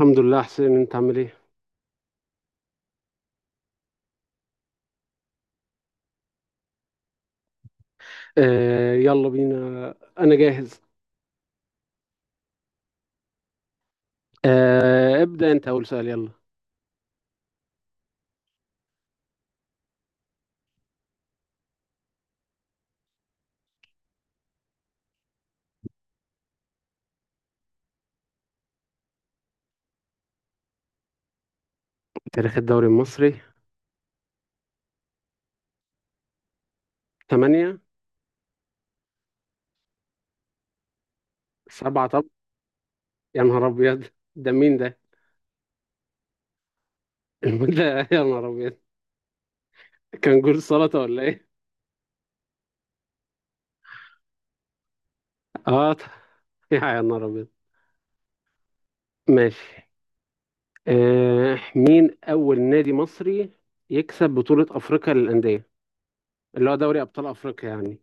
الحمد لله حسين، انت عامل ايه؟ يلا بينا. انا جاهز. ابدأ انت، اول سؤال يلا. تاريخ الدوري المصري. 8. 7 طب. يا نهار ابيض، ده مين ده؟ ده يا نهار ابيض. كان جول سلطة ولا ايه؟ اه يا نهار ابيض. ماشي. مين اول نادي مصري يكسب بطولة افريقيا للأندية، اللي هو دوري ابطال افريقيا يعني؟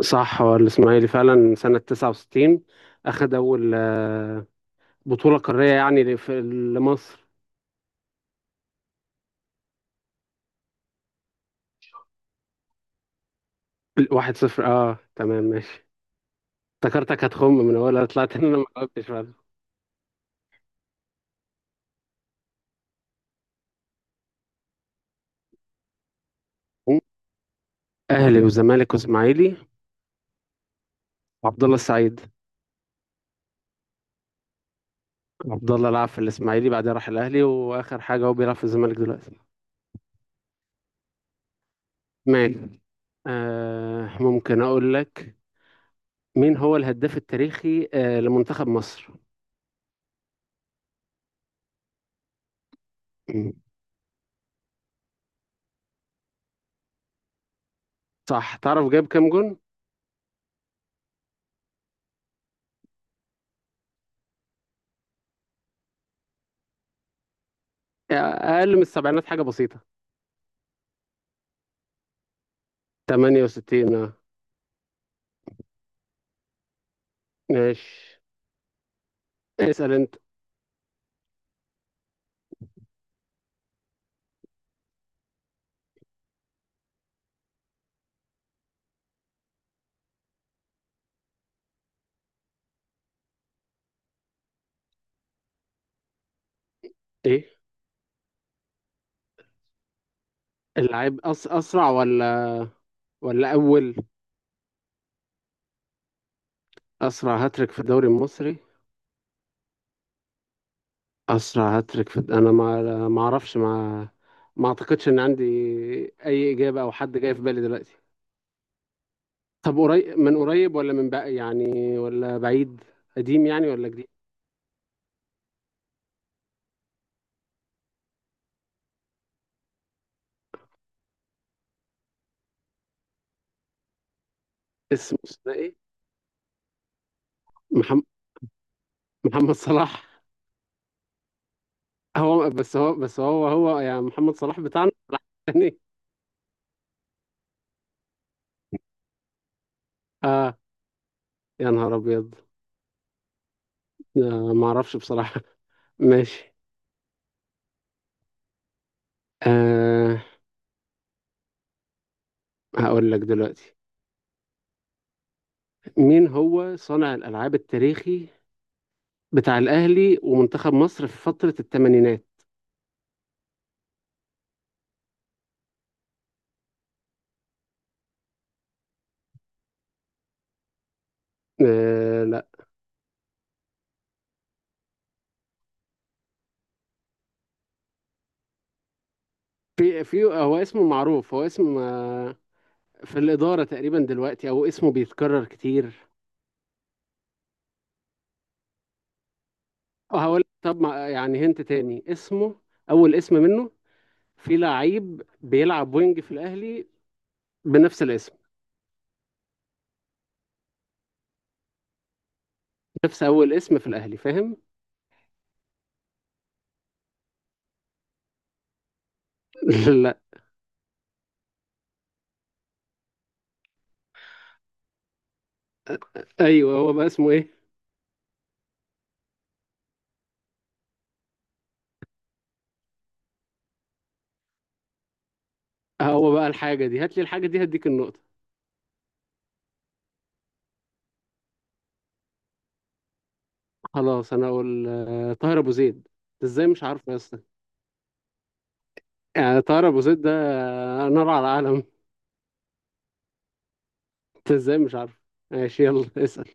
صح، هو الاسماعيلي فعلا، سنة 69 اخد اول بطولة قارية يعني لمصر. واحد صفر، اه تمام ماشي. افتكرتك هتخم من اولها، طلعت ان انا ما جاوبتش بعد. اهلي وزمالك واسماعيلي، وعبد الله السعيد. عبد الله لعب في الاسماعيلي، بعدين راح الاهلي، واخر حاجة هو بيلعب في الزمالك دلوقتي. ماشي. ممكن اقول لك، مين هو الهداف التاريخي لمنتخب مصر؟ مم. صح، تعرف جاب كام جون؟ آه، اقل من السبعينات حاجة بسيطة. 68 اه. ماشي، اسأل انت. ايه؟ اللعيب أسرع ولا ولا أول؟ أسرع هاتريك في الدوري المصري. أسرع هاتريك في أنا ما أعرفش، ما أعتقدش إن عندي أي إجابة أو حد جاي في بالي دلوقتي. طب قريب من قريب ولا من بقى يعني، ولا بعيد؟ قديم يعني ولا جديد؟ اسمه إيه؟ محمد. محمد صلاح. هو بس هو بس هو هو يعني، محمد صلاح بتاعنا؟ صلاح التاني؟ آه، يا نهار أبيض. آه، ما أعرفش بصراحة. ماشي. آه هقول لك دلوقتي، مين هو صانع الألعاب التاريخي بتاع الأهلي ومنتخب مصر في فترة الثمانينات؟ لا. في هو اسمه معروف، هو اسم في الإدارة تقريبا دلوقتي، أو اسمه بيتكرر كتير. أو هقول طب، ما يعني هنت تاني اسمه، أول اسم منه. في لعيب بيلعب وينج في الأهلي بنفس الاسم، نفس أول اسم في الأهلي، فاهم؟ لا. أيوه، هو بقى اسمه إيه؟ هو بقى الحاجة دي، هات لي الحاجة دي هديك النقطة. خلاص، انا اقول آه، طاهر ابو زيد. انت ازاي مش عارفه يا اسطى؟ يعني طاهر ابو زيد ده آه، نار على العالم. انت ازاي مش عارفه. ماشي، يلا اسال.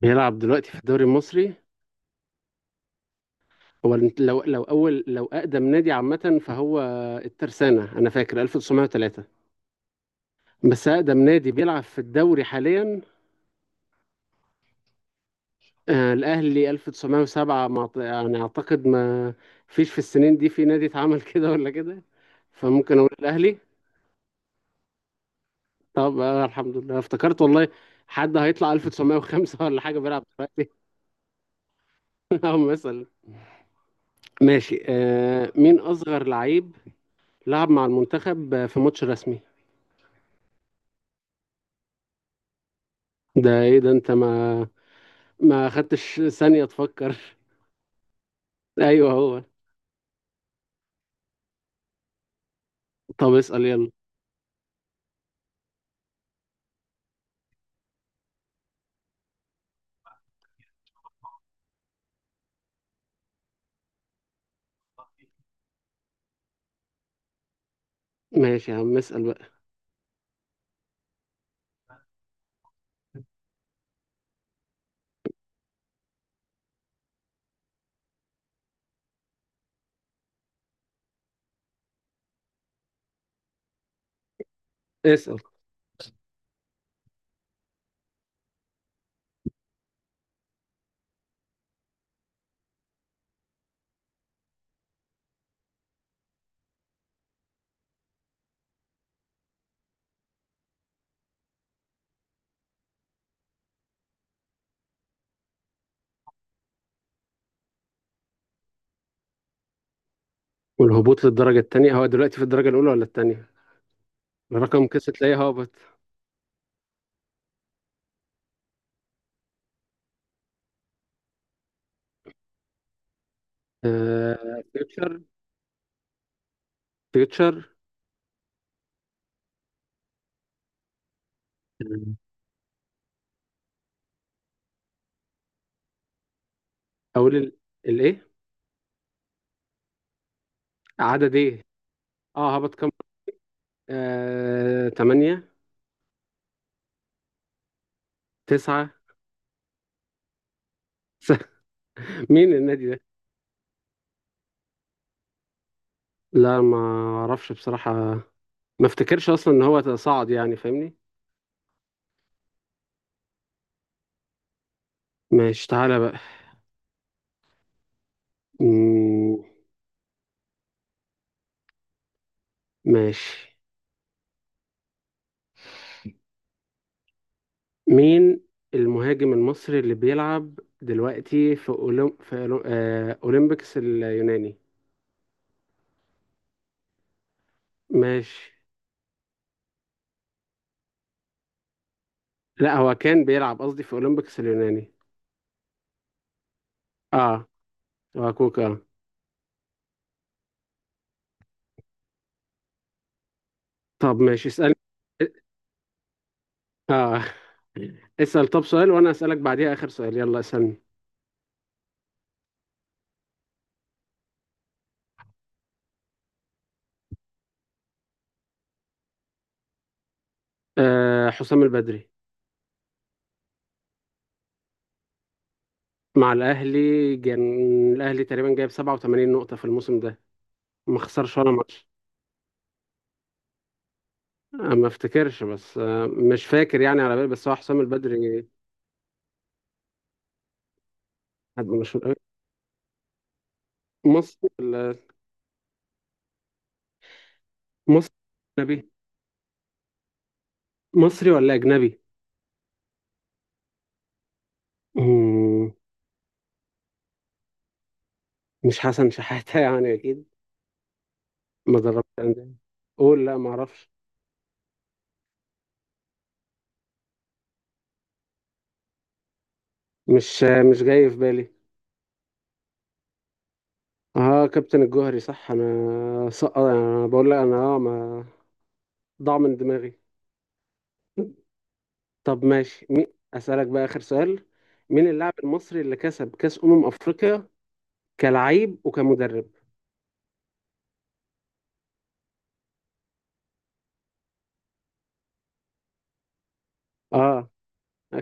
بيلعب دلوقتي في الدوري المصري. هو لو اول، لو اقدم نادي عامه، فهو الترسانه، انا فاكر 1903. بس اقدم نادي بيلعب في الدوري حاليا آه، الاهلي 1907. ما يعني اعتقد ما فيش في السنين دي في نادي اتعمل كده ولا كده، فممكن اقول الاهلي. طب آه، الحمد لله افتكرت والله. حد هيطلع 1905 ولا حاجة بيلعب دلوقتي؟ أو مثلا. ماشي. آه، مين أصغر لعيب لعب مع المنتخب آه، في ماتش رسمي؟ ده إيه ده، أنت ما خدتش ثانية تفكر. أيوه، هو. طب اسأل يلا. ماشي يا عم، اسأل بقى. اسأل. والهبوط للدرجة التانية، هو دلوقتي في الدرجة الأولى ولا التانية؟ الرقم كسر تلاقيه هابط. آه فيوتشر. فيوتشر. أقول الإيه؟ عدد إيه؟ اه هبط كام؟ آه، تمانية. تسعة. مين النادي ده؟ لا، ما اعرفش بصراحة. ما افتكرش اصلا ان هو صعد يعني، فاهمني؟ ماشي، تعالى بقى. مم، ماشي. مين المهاجم المصري اللي بيلعب دلوقتي في أولمبيكس اليوناني؟ ماشي. لا، هو كان بيلعب قصدي في أولمبيكس اليوناني. اه. هو كوكا. طب ماشي، اسأل. اه اسأل. طب سؤال، وانا اسألك بعديها اخر سؤال، يلا اسألني. آه، حسام البدري. مع الأهلي كان، الأهلي تقريبا جايب 87 نقطة في الموسم ده، ما خسرش ولا ماتش. آه، ما افتكرش، بس آه، مش فاكر يعني، على بالي بس هو حسام البدري. حد مشهور قوي. مصري ولا. مصري أجنبي. مصري ولا أجنبي؟ مم، مش حسن شحاتة يعني أكيد؟ ما دربش أندية. قول لا، ما أعرفش. مش آه، مش جاي في بالي. اه، كابتن الجوهري، صح، انا سقط، انا بقول لك، انا اه ما ضاع من دماغي. طب ماشي، أسألك بقى آخر سؤال. مين اللاعب المصري اللي كسب كأس أمم أفريقيا كلاعب وكمدرب؟ اه،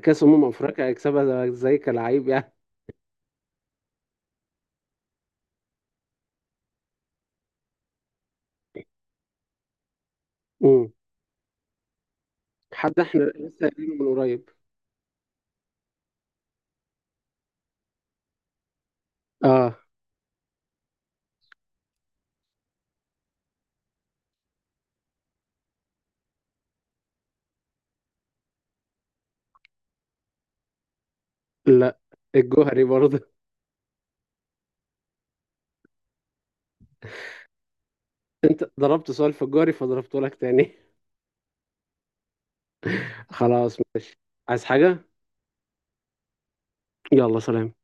كأس أمم أفريقيا هيكسبها ازاي كلاعب يعني؟ مم. حد احنا لسه قايلينه من قريب. اه. لا، الجوهري برضه. انت ضربت سؤال في الجوهري فضربته لك تاني. خلاص. عايز حاجة؟ يلا، سلام.